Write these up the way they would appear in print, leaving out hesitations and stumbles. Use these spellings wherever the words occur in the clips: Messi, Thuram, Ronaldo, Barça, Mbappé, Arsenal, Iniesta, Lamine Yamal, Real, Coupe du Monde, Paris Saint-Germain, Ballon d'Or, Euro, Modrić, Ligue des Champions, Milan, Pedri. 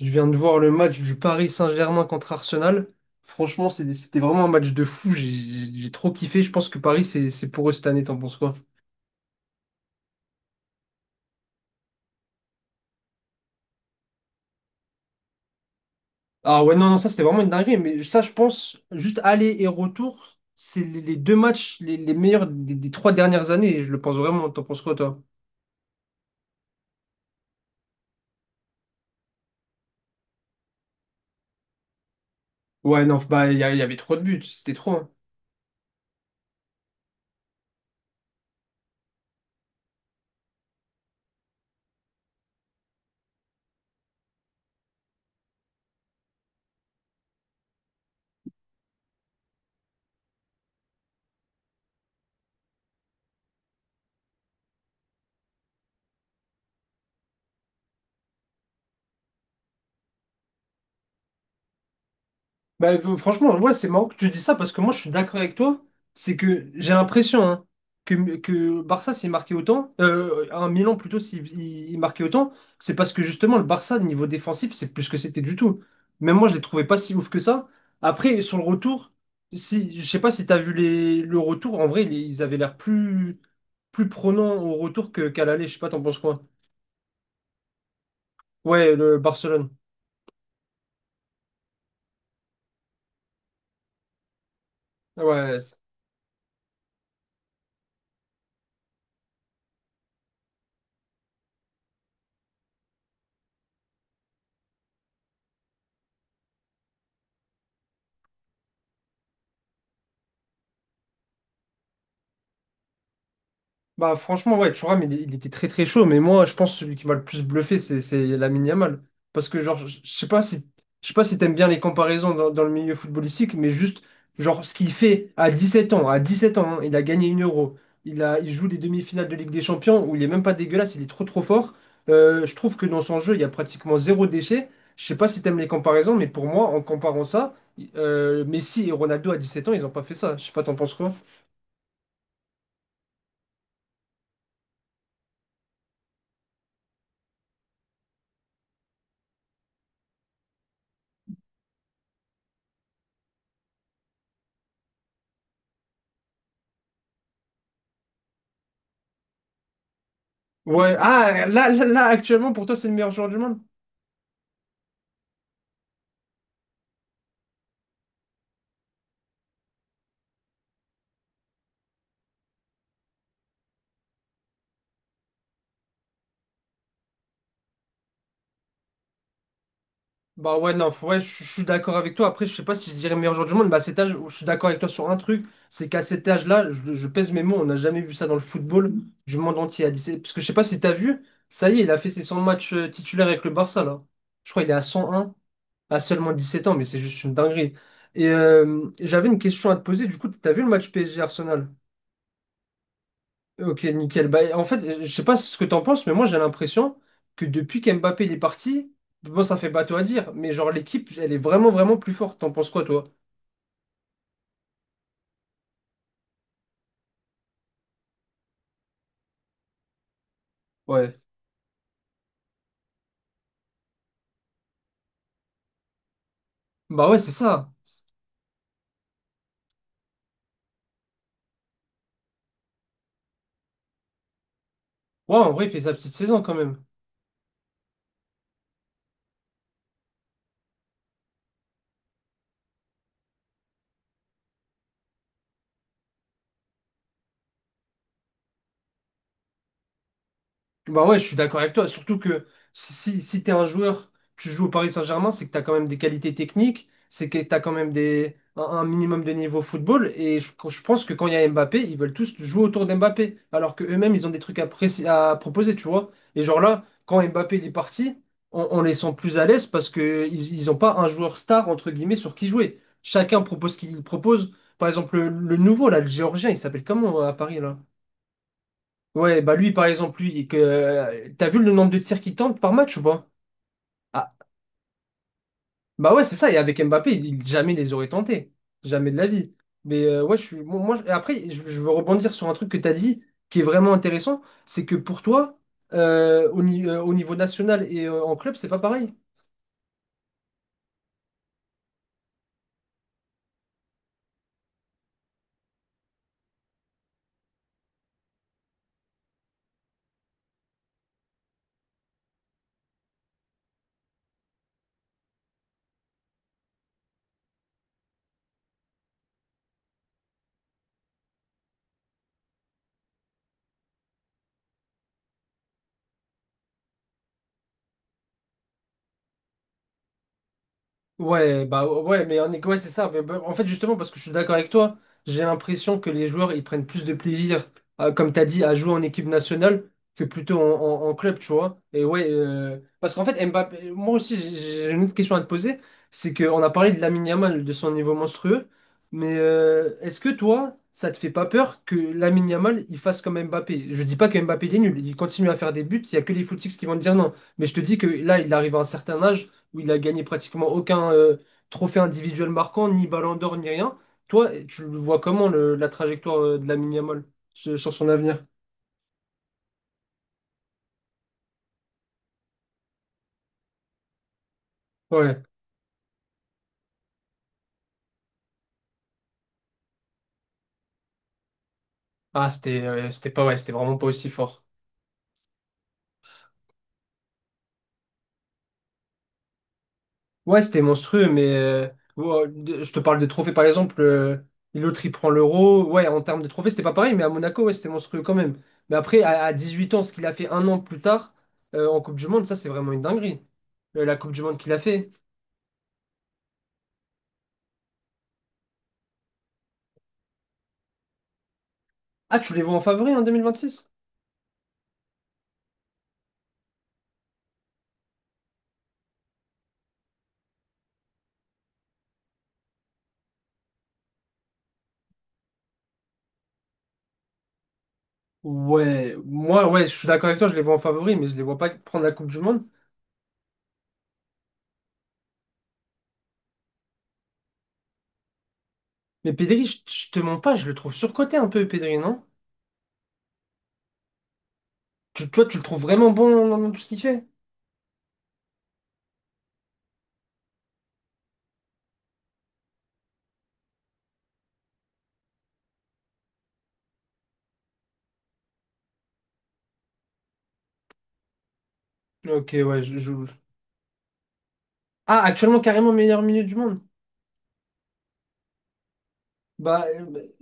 Je viens de voir le match du Paris Saint-Germain contre Arsenal. Franchement, c'était vraiment un match de fou. J'ai trop kiffé. Je pense que Paris, c'est pour eux cette année. T'en penses quoi? Ah ouais, non, non, ça, c'était vraiment une dinguerie. Mais ça, je pense, juste aller et retour, c'est les deux matchs les meilleurs des trois dernières années. Je le pense vraiment. T'en penses quoi, toi? Ouais, non, bah, il y avait trop de buts. C'était trop, hein. Bah, franchement, ouais, c'est marrant que tu dis ça parce que moi, je suis d'accord avec toi. C'est que j'ai l'impression, hein, que Barça s'est marqué autant, un Milan plutôt il marquait autant, c'est parce que justement, le Barça, niveau défensif, c'est plus ce que c'était du tout. Même moi, je les trouvais pas si ouf que ça. Après, sur le retour, si, je sais pas si t'as vu le retour, en vrai, ils avaient l'air plus, plus prenants au retour qu'à l'aller. Je sais pas, t'en penses quoi? Ouais, le Barcelone. Ouais. Bah franchement ouais Thuram, il était très très chaud, mais moi je pense que celui qui m'a le plus bluffé c'est Lamine Yamal, parce que genre je sais pas si je sais pas si t'aimes bien les comparaisons dans le milieu footballistique mais juste genre ce qu'il fait à 17 ans à 17 ans, hein, il a gagné une Euro, il a il joue des demi-finales de Ligue des Champions où il est même pas dégueulasse, il est trop trop fort. Je trouve que dans son jeu il y a pratiquement zéro déchet. Je sais pas si t'aimes les comparaisons, mais pour moi en comparant ça Messi et Ronaldo à 17 ans ils ont pas fait ça, je sais pas, t'en penses quoi? Ouais, ah, là, là, là, actuellement, pour toi, c'est le meilleur joueur du monde? Bah ouais, non, faut- ouais, je suis d'accord avec toi. Après, je sais pas si je dirais meilleur joueur du monde, mais à cet âge, je suis d'accord avec toi sur un truc, c'est qu'à cet âge-là, je pèse mes mots, on n'a jamais vu ça dans le football du monde entier à 17. Parce que je sais pas si t'as vu, ça y est, il a fait ses 100 matchs titulaires avec le Barça, là. Je crois qu'il est à 101, à seulement 17 ans, mais c'est juste une dinguerie. Et j'avais une question à te poser, du coup, t'as vu le match PSG-Arsenal? Ok, nickel. Bah, en fait, je sais pas ce que t'en penses, mais moi j'ai l'impression que depuis qu'Mbappé il est parti, bon, ça fait bateau à dire, mais genre l'équipe, elle est vraiment, vraiment plus forte. T'en penses quoi, toi? Ouais. Bah ouais, c'est ça. Ouais, en vrai, il fait sa petite saison quand même. Bah ouais, je suis d'accord avec toi. Surtout que si t'es un joueur, tu joues au Paris Saint-Germain, c'est que t'as quand même des qualités techniques, c'est que t'as quand même un minimum de niveau football. Et je pense que quand il y a Mbappé, ils veulent tous jouer autour d'Mbappé. Alors que eux-mêmes, ils ont des trucs à proposer, tu vois. Et genre là, quand Mbappé il est parti, on les sent plus à l'aise parce que ils ont pas un joueur star, entre guillemets, sur qui jouer. Chacun propose ce qu'il propose. Par exemple, le nouveau, là, le Géorgien, il s'appelle comment à Paris, là? Ouais, bah lui, par exemple, lui, t'as vu le nombre de tirs qu'il tente par match ou pas? Ah, bah ouais, c'est ça. Et avec Mbappé, jamais les aurait tentés. Jamais de la vie. Mais ouais, je suis, bon, après, je veux rebondir sur un truc que t'as dit qui est vraiment intéressant. C'est que pour toi, au, ni- au niveau national et en club, c'est pas pareil. Ouais, ouais, c'est ça. Mais bah, en fait, justement, parce que je suis d'accord avec toi, j'ai l'impression que les joueurs ils prennent plus de plaisir, à- comme tu as dit, à jouer en équipe nationale que plutôt en club, tu vois. Et ouais, parce qu'en fait, Mbappé, moi aussi, j'ai une autre question à te poser. C'est qu'on a parlé de Lamine Yamal, de son niveau monstrueux, mais est-ce que toi, ça te fait pas peur que Lamine Yamal il fasse comme Mbappé? Je dis pas que Mbappé il est nul, il continue à faire des buts, il y a que les footix qui vont te dire non. Mais je te dis que là, il arrive à un certain âge où il a gagné pratiquement aucun trophée individuel marquant, ni Ballon d'Or, ni rien. Toi, tu le vois comment la trajectoire de la Yamal sur son avenir? Ouais. Ah, c'était c'était pas ouais, c'était vraiment pas aussi fort. Ouais, c'était monstrueux, mais ouais, de- je te parle des trophées par exemple. L'autre il prend l'euro. Ouais, en termes de trophées, c'était pas pareil, mais à Monaco, ouais, c'était monstrueux quand même. Mais après, à 18 ans, ce qu'il a fait un an plus tard en Coupe du Monde, ça c'est vraiment une dinguerie. La Coupe du Monde qu'il a fait. Ah, tu les vois en favori en 2026? Ouais, moi, ouais, je suis d'accord avec toi, je les vois en favori, mais je les vois pas prendre la Coupe du Monde. Mais Pedri, je te mens pas, je le trouve surcoté un peu, Pedri, non? Toi, tu le trouves vraiment bon dans tout ce qu'il fait? Ok, ouais, ah, actuellement, carrément meilleur milieu du monde. Bah, euh.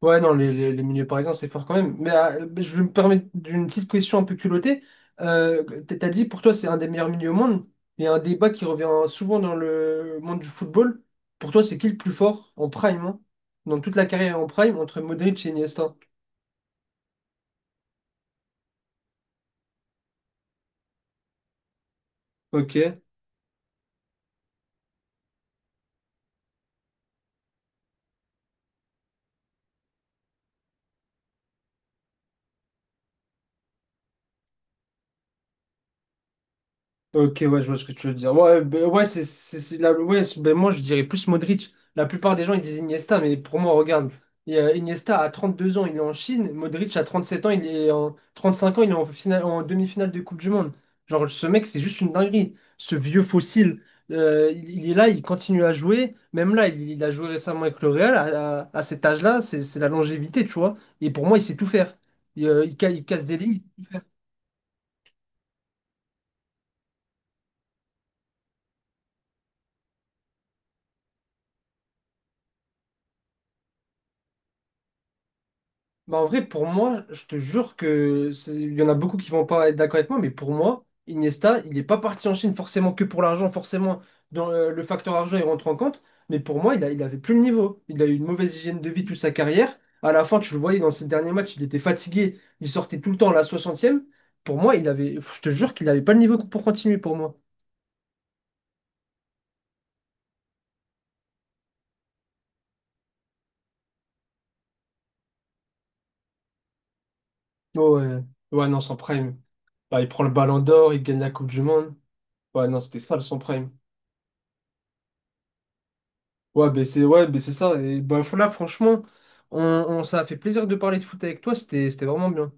Ouais, non, les milieux parisiens, c'est fort quand même. Mais je vais me permettre d'une petite question un peu culottée. T'as dit pour toi, c'est un des meilleurs milieux au monde. Il y a un débat qui revient souvent dans le monde du football. Pour toi, c'est qui le plus fort en prime, hein, dans toute la carrière en prime, entre Modric et Iniesta? Ok. Ok, ouais, je vois ce que tu veux dire. Ouais, ben, ouais, c'est la- ouais, c'est- ben, moi, je dirais plus Modric. La plupart des gens, ils disent Iniesta, mais pour moi, regarde, il y a Iniesta à 32 ans, il est en Chine. Modric à 37 ans, il est en 35 ans, il est en finale, en demi-finale de Coupe du Monde. Genre, ce mec, c'est juste une dinguerie. Ce vieux fossile, il est là, il continue à jouer. Même là, il a joué récemment avec le Real. À cet âge-là, c'est la longévité, tu vois. Et pour moi, il sait tout faire. Il casse des lignes. Bah en vrai, pour moi, je te jure que c'est- il y en a beaucoup qui vont pas être d'accord avec moi, mais pour moi, Iniesta, il n'est pas parti en Chine forcément que pour l'argent, forcément, dans le facteur argent, il rentre en compte, mais pour moi, il avait plus le niveau. Il a eu une mauvaise hygiène de vie toute sa carrière. À la fin, tu le voyais dans ses derniers matchs, il était fatigué, il sortait tout le temps à la 60e. Pour moi, il avait, je te jure qu'il n'avait pas le niveau pour continuer pour moi. Oh, ouais, ouais, non, sans prime. Bah, il prend le ballon d'or, il gagne la Coupe du Monde. Ouais, non, c'était ça le sans prime. Ouais, ben c'est ça. Et ben, là, franchement, ça a fait plaisir de parler de foot avec toi. C'était vraiment bien.